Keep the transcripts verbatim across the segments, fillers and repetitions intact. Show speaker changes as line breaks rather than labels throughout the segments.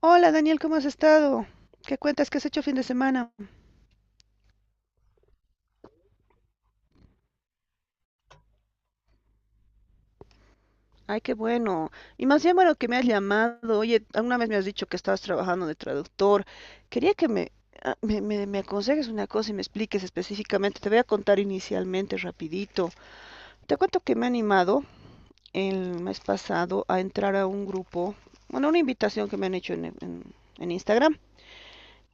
Hola Daniel, ¿cómo has estado? ¿Qué cuentas? ¿Qué has hecho fin de semana? Ay, qué bueno. Y más bien bueno que me has llamado. Oye, alguna vez me has dicho que estabas trabajando de traductor. Quería que me, ah, me, me- me aconsejes una cosa y me expliques específicamente. Te voy a contar inicialmente, rapidito. Te cuento que me he animado el mes pasado a entrar a un grupo, bueno, una invitación que me han hecho en, en en Instagram.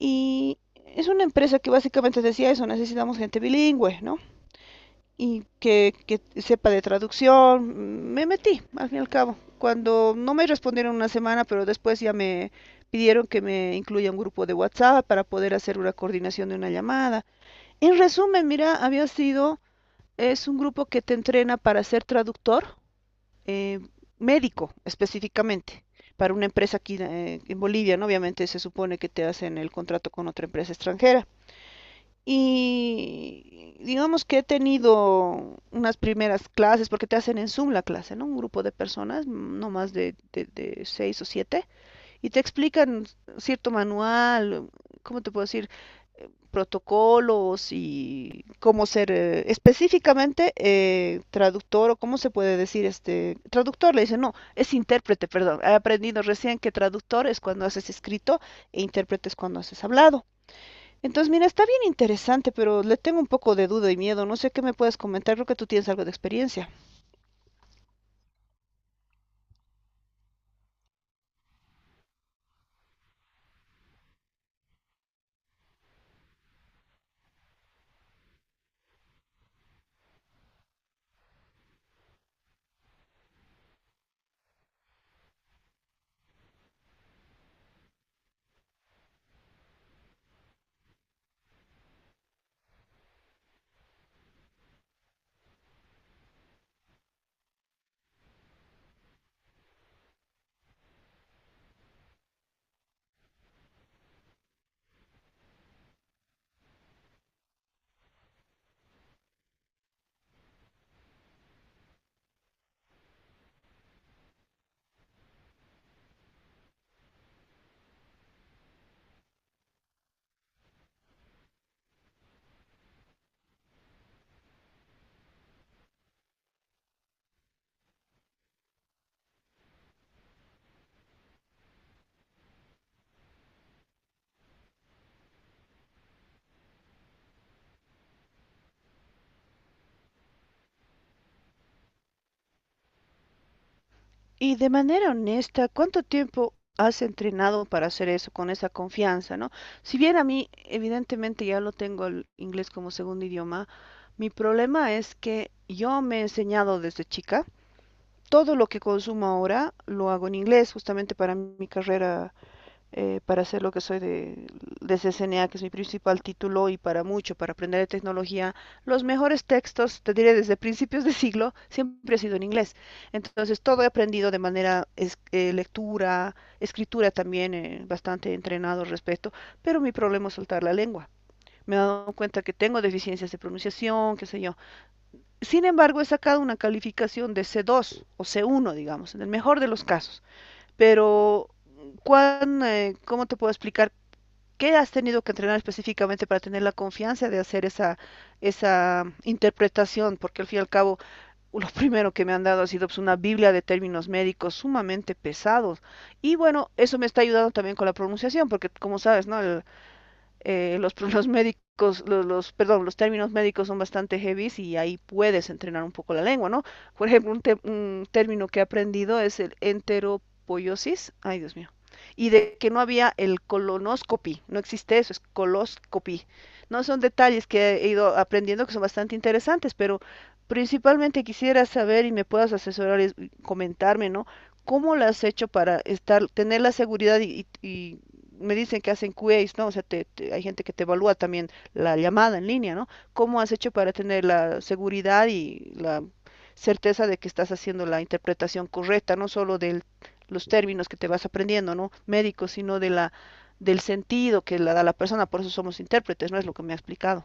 Y es una empresa que básicamente decía eso: necesitamos gente bilingüe, ¿no? Y que, que sepa de traducción. Me metí, al fin y al cabo. Cuando no me respondieron una semana, pero después ya me pidieron que me incluya un grupo de WhatsApp para poder hacer una coordinación de una llamada. En resumen, mira, había sido, es un grupo que te entrena para ser traductor eh, médico específicamente para una empresa aquí eh, en Bolivia, ¿no? Obviamente se supone que te hacen el contrato con otra empresa extranjera. Y digamos que he tenido unas primeras clases, porque te hacen en Zoom la clase, ¿no? Un grupo de personas, mm, no más de, de, de seis o siete, y te explican cierto manual. ¿Cómo te puedo decir? Protocolos y cómo ser eh, específicamente eh, traductor, o cómo se puede decir este traductor, le dicen, no, es intérprete, perdón. He aprendido recién que traductor es cuando haces escrito e intérprete es cuando haces hablado. Entonces, mira, está bien interesante, pero le tengo un poco de duda y miedo. No sé qué me puedes comentar, creo que tú tienes algo de experiencia. Y de manera honesta, ¿cuánto tiempo has entrenado para hacer eso con esa confianza? ¿No? Si bien a mí, evidentemente, ya lo tengo el inglés como segundo idioma, mi problema es que yo me he enseñado desde chica. Todo lo que consumo ahora lo hago en inglés, justamente para mi carrera, eh, para hacer lo que soy de, de C C N A, que es mi principal título, y para mucho, para aprender de tecnología. Los mejores textos, te diré, desde principios de siglo, siempre ha sido en inglés. Entonces, todo he aprendido de manera es- eh, lectura, escritura también, eh, bastante entrenado al respecto, pero mi problema es soltar la lengua. Me he dado cuenta que tengo deficiencias de pronunciación, qué sé yo. Sin embargo, he sacado una calificación de c dos o c uno, digamos, en el mejor de los casos. Pero, ¿cuán, eh, ¿cómo te puedo explicar? ¿Qué has tenido que entrenar específicamente para tener la confianza de hacer esa, esa interpretación? Porque al fin y al cabo, lo primero que me han dado ha sido, pues, una Biblia de términos médicos sumamente pesados. Y bueno, eso me está ayudando también con la pronunciación, porque como sabes, ¿no? El- eh, los, los médicos, los, los, perdón, los términos médicos son bastante heavy, y ahí puedes entrenar un poco la lengua, ¿no? Por ejemplo, un, te- un término que he aprendido es el enteropoiosis, ay Dios mío, y de que no había el colonoscopy, no existe eso, es coloscopy. No son detalles que he ido aprendiendo que son bastante interesantes, pero principalmente quisiera saber y me puedas asesorar y comentarme, ¿no? ¿Cómo lo has hecho para estar, tener la seguridad? Y, y me dicen que hacen Q As, ¿no? O sea, te- te- hay gente que te evalúa también la llamada en línea, ¿no? ¿Cómo has hecho para tener la seguridad y la certeza de que estás haciendo la interpretación correcta, no solo de los términos que te vas aprendiendo, ¿no? Médicos, sino de la, del sentido que la da la persona? Por eso somos intérpretes, ¿no? Es lo que me ha explicado.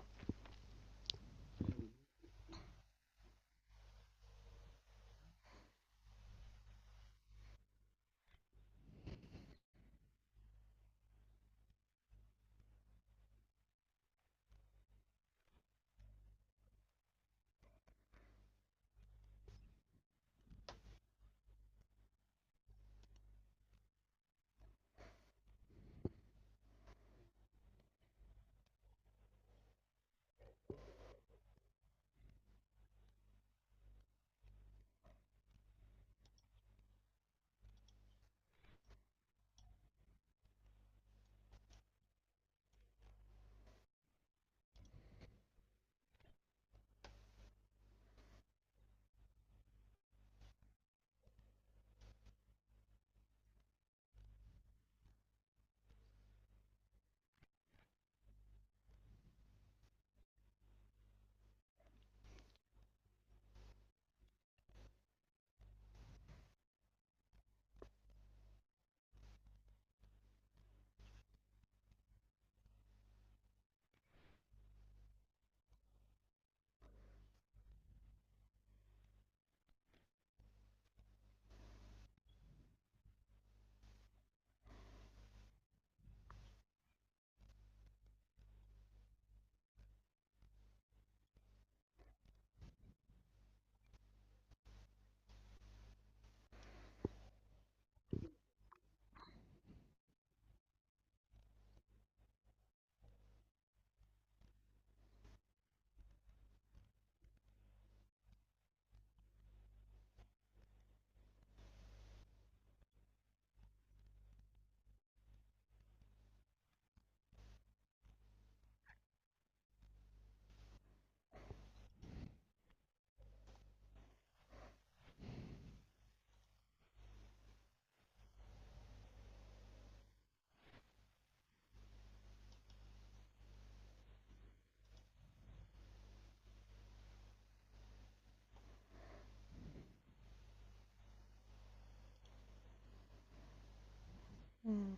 Mm.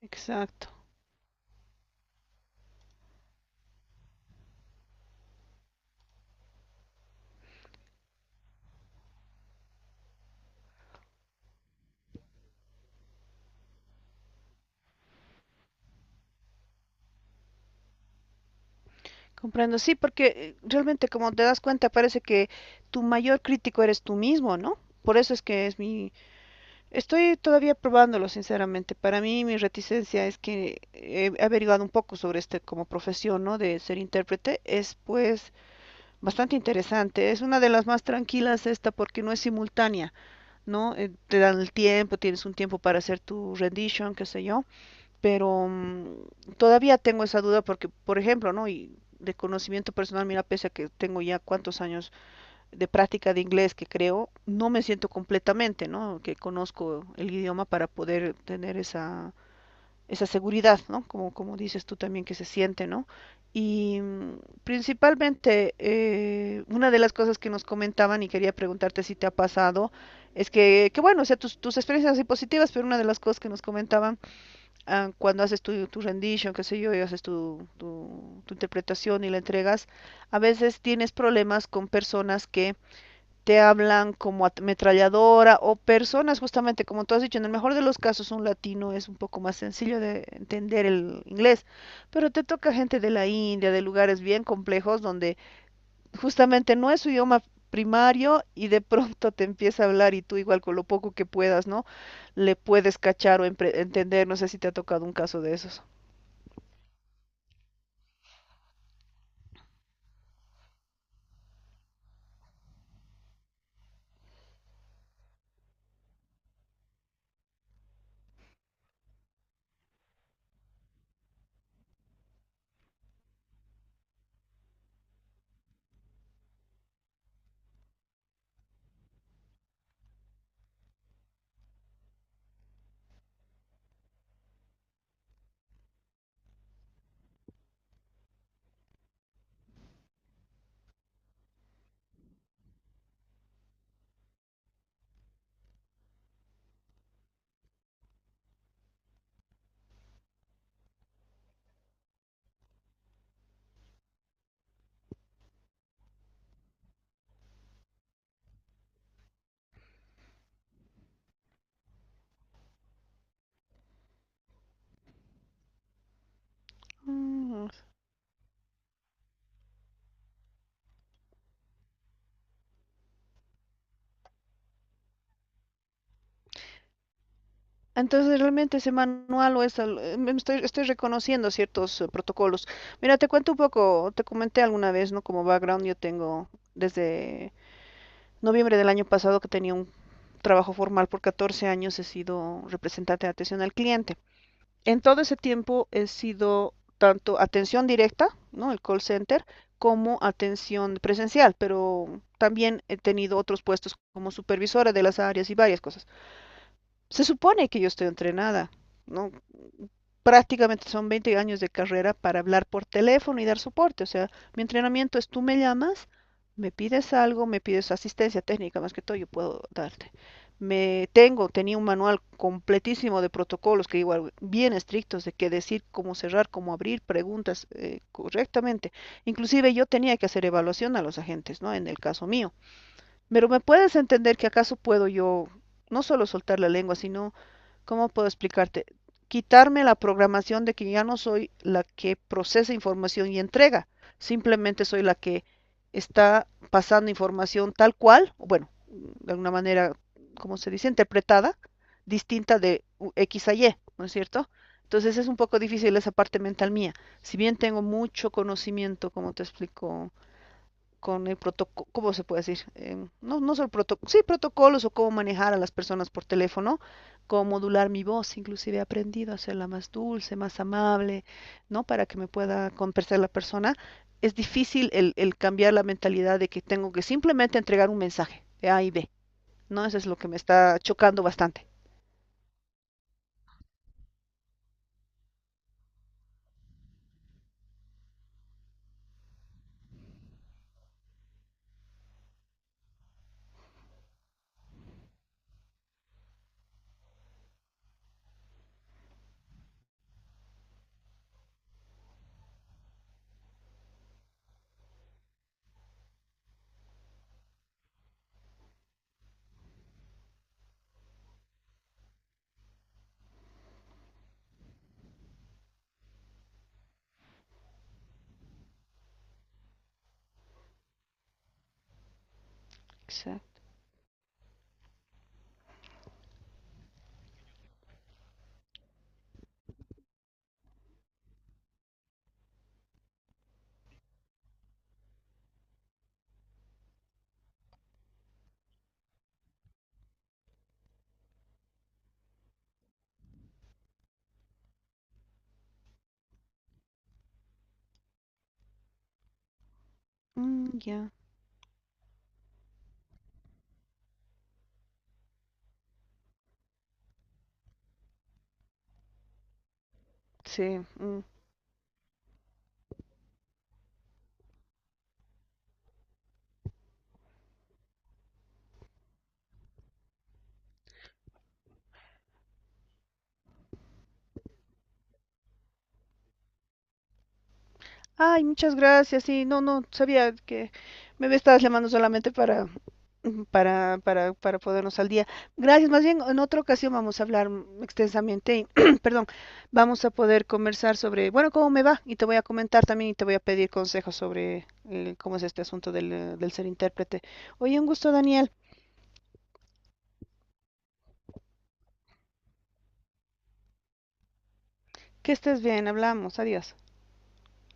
Exacto. Comprendo, sí, porque eh, realmente, como te das cuenta, parece que tu mayor crítico eres tú mismo, ¿no? Por eso es que es mi... Estoy todavía probándolo, sinceramente. Para mí, mi reticencia es que he averiguado un poco sobre este como profesión, ¿no? De ser intérprete. Es, pues, bastante interesante. Es una de las más tranquilas, esta, porque no es simultánea, ¿no? Eh, te dan el tiempo, tienes un tiempo para hacer tu rendition, qué sé yo, pero mm, todavía tengo esa duda porque, por ejemplo, ¿no? Y de conocimiento personal, mira, pese a que tengo ya cuántos años de práctica de inglés que creo, no me siento completamente, ¿no? Que conozco el idioma para poder tener esa, esa seguridad, ¿no? Como, como dices tú también que se siente, ¿no? Y mm, principalmente, eh, una de las cosas que nos comentaban y quería preguntarte si te ha pasado, es que, que bueno, o sea, tus, tus experiencias han sido positivas, pero una de las cosas que nos comentaban, ah, cuando haces tu, tu rendition, qué sé yo, y haces tu, tu, tu interpretación y la entregas, a veces tienes problemas con personas que te hablan como ametralladora, o personas justamente, como tú has dicho, en el mejor de los casos un latino es un poco más sencillo de entender el inglés, pero te toca gente de la India, de lugares bien complejos donde justamente no es su idioma primario, y de pronto te empieza a hablar y tú igual con lo poco que puedas, ¿no? Le puedes cachar o empre- entender. No sé si te ha tocado un caso de esos. Mm. Entonces, realmente ese manual o esa, eh, me estoy, estoy reconociendo ciertos eh, protocolos. Mira, te cuento un poco, te comenté alguna vez, ¿no? Como background, yo tengo desde noviembre del año pasado que tenía un trabajo formal por catorce años; he sido representante de atención al cliente. En todo ese tiempo he sido tanto atención directa, ¿no? El call center, como atención presencial, pero también he tenido otros puestos como supervisora de las áreas y varias cosas. Se supone que yo estoy entrenada, ¿no? Prácticamente son veinte años de carrera para hablar por teléfono y dar soporte. O sea, mi entrenamiento es: tú me llamas, me pides algo, me pides asistencia técnica, más que todo yo puedo darte. Me tengo, tenía un manual completísimo de protocolos, que igual bien estrictos, de qué decir, cómo cerrar, cómo abrir preguntas, eh, correctamente. Inclusive yo tenía que hacer evaluación a los agentes, ¿no? En el caso mío. Pero me puedes entender que acaso puedo yo no solo soltar la lengua, sino... ¿Cómo puedo explicarte? Quitarme la programación de que ya no soy la que procesa información y entrega, simplemente soy la que está pasando información tal cual, bueno, de alguna manera, ¿cómo se dice? Interpretada, distinta de X a Y, ¿no es cierto? Entonces es un poco difícil esa parte mental mía. Si bien tengo mucho conocimiento, como te explico, con el protocolo, ¿cómo se puede decir? Em, no, no solo protocolo, sí, protocolos, o cómo manejar a las personas por teléfono, cómo modular mi voz, inclusive he aprendido a hacerla más dulce, más amable, ¿no? Para que me pueda conversar la persona. Es difícil el, el cambiar la mentalidad de que tengo que simplemente entregar un mensaje de A y B, ¿no? Eso es lo que me está chocando bastante. Exacto. Mm, ya, sí. Mm. Ay, muchas gracias. Sí, no, no, sabía que me estabas llamando solamente para para, para, para, podernos al día. Gracias, más bien en otra ocasión vamos a hablar extensamente y, perdón, vamos a poder conversar sobre, bueno, cómo me va, y te voy a comentar también y te voy a pedir consejos sobre eh, cómo es este asunto del, eh, del ser intérprete. Oye, un gusto, Daniel. Que estés bien, hablamos, adiós.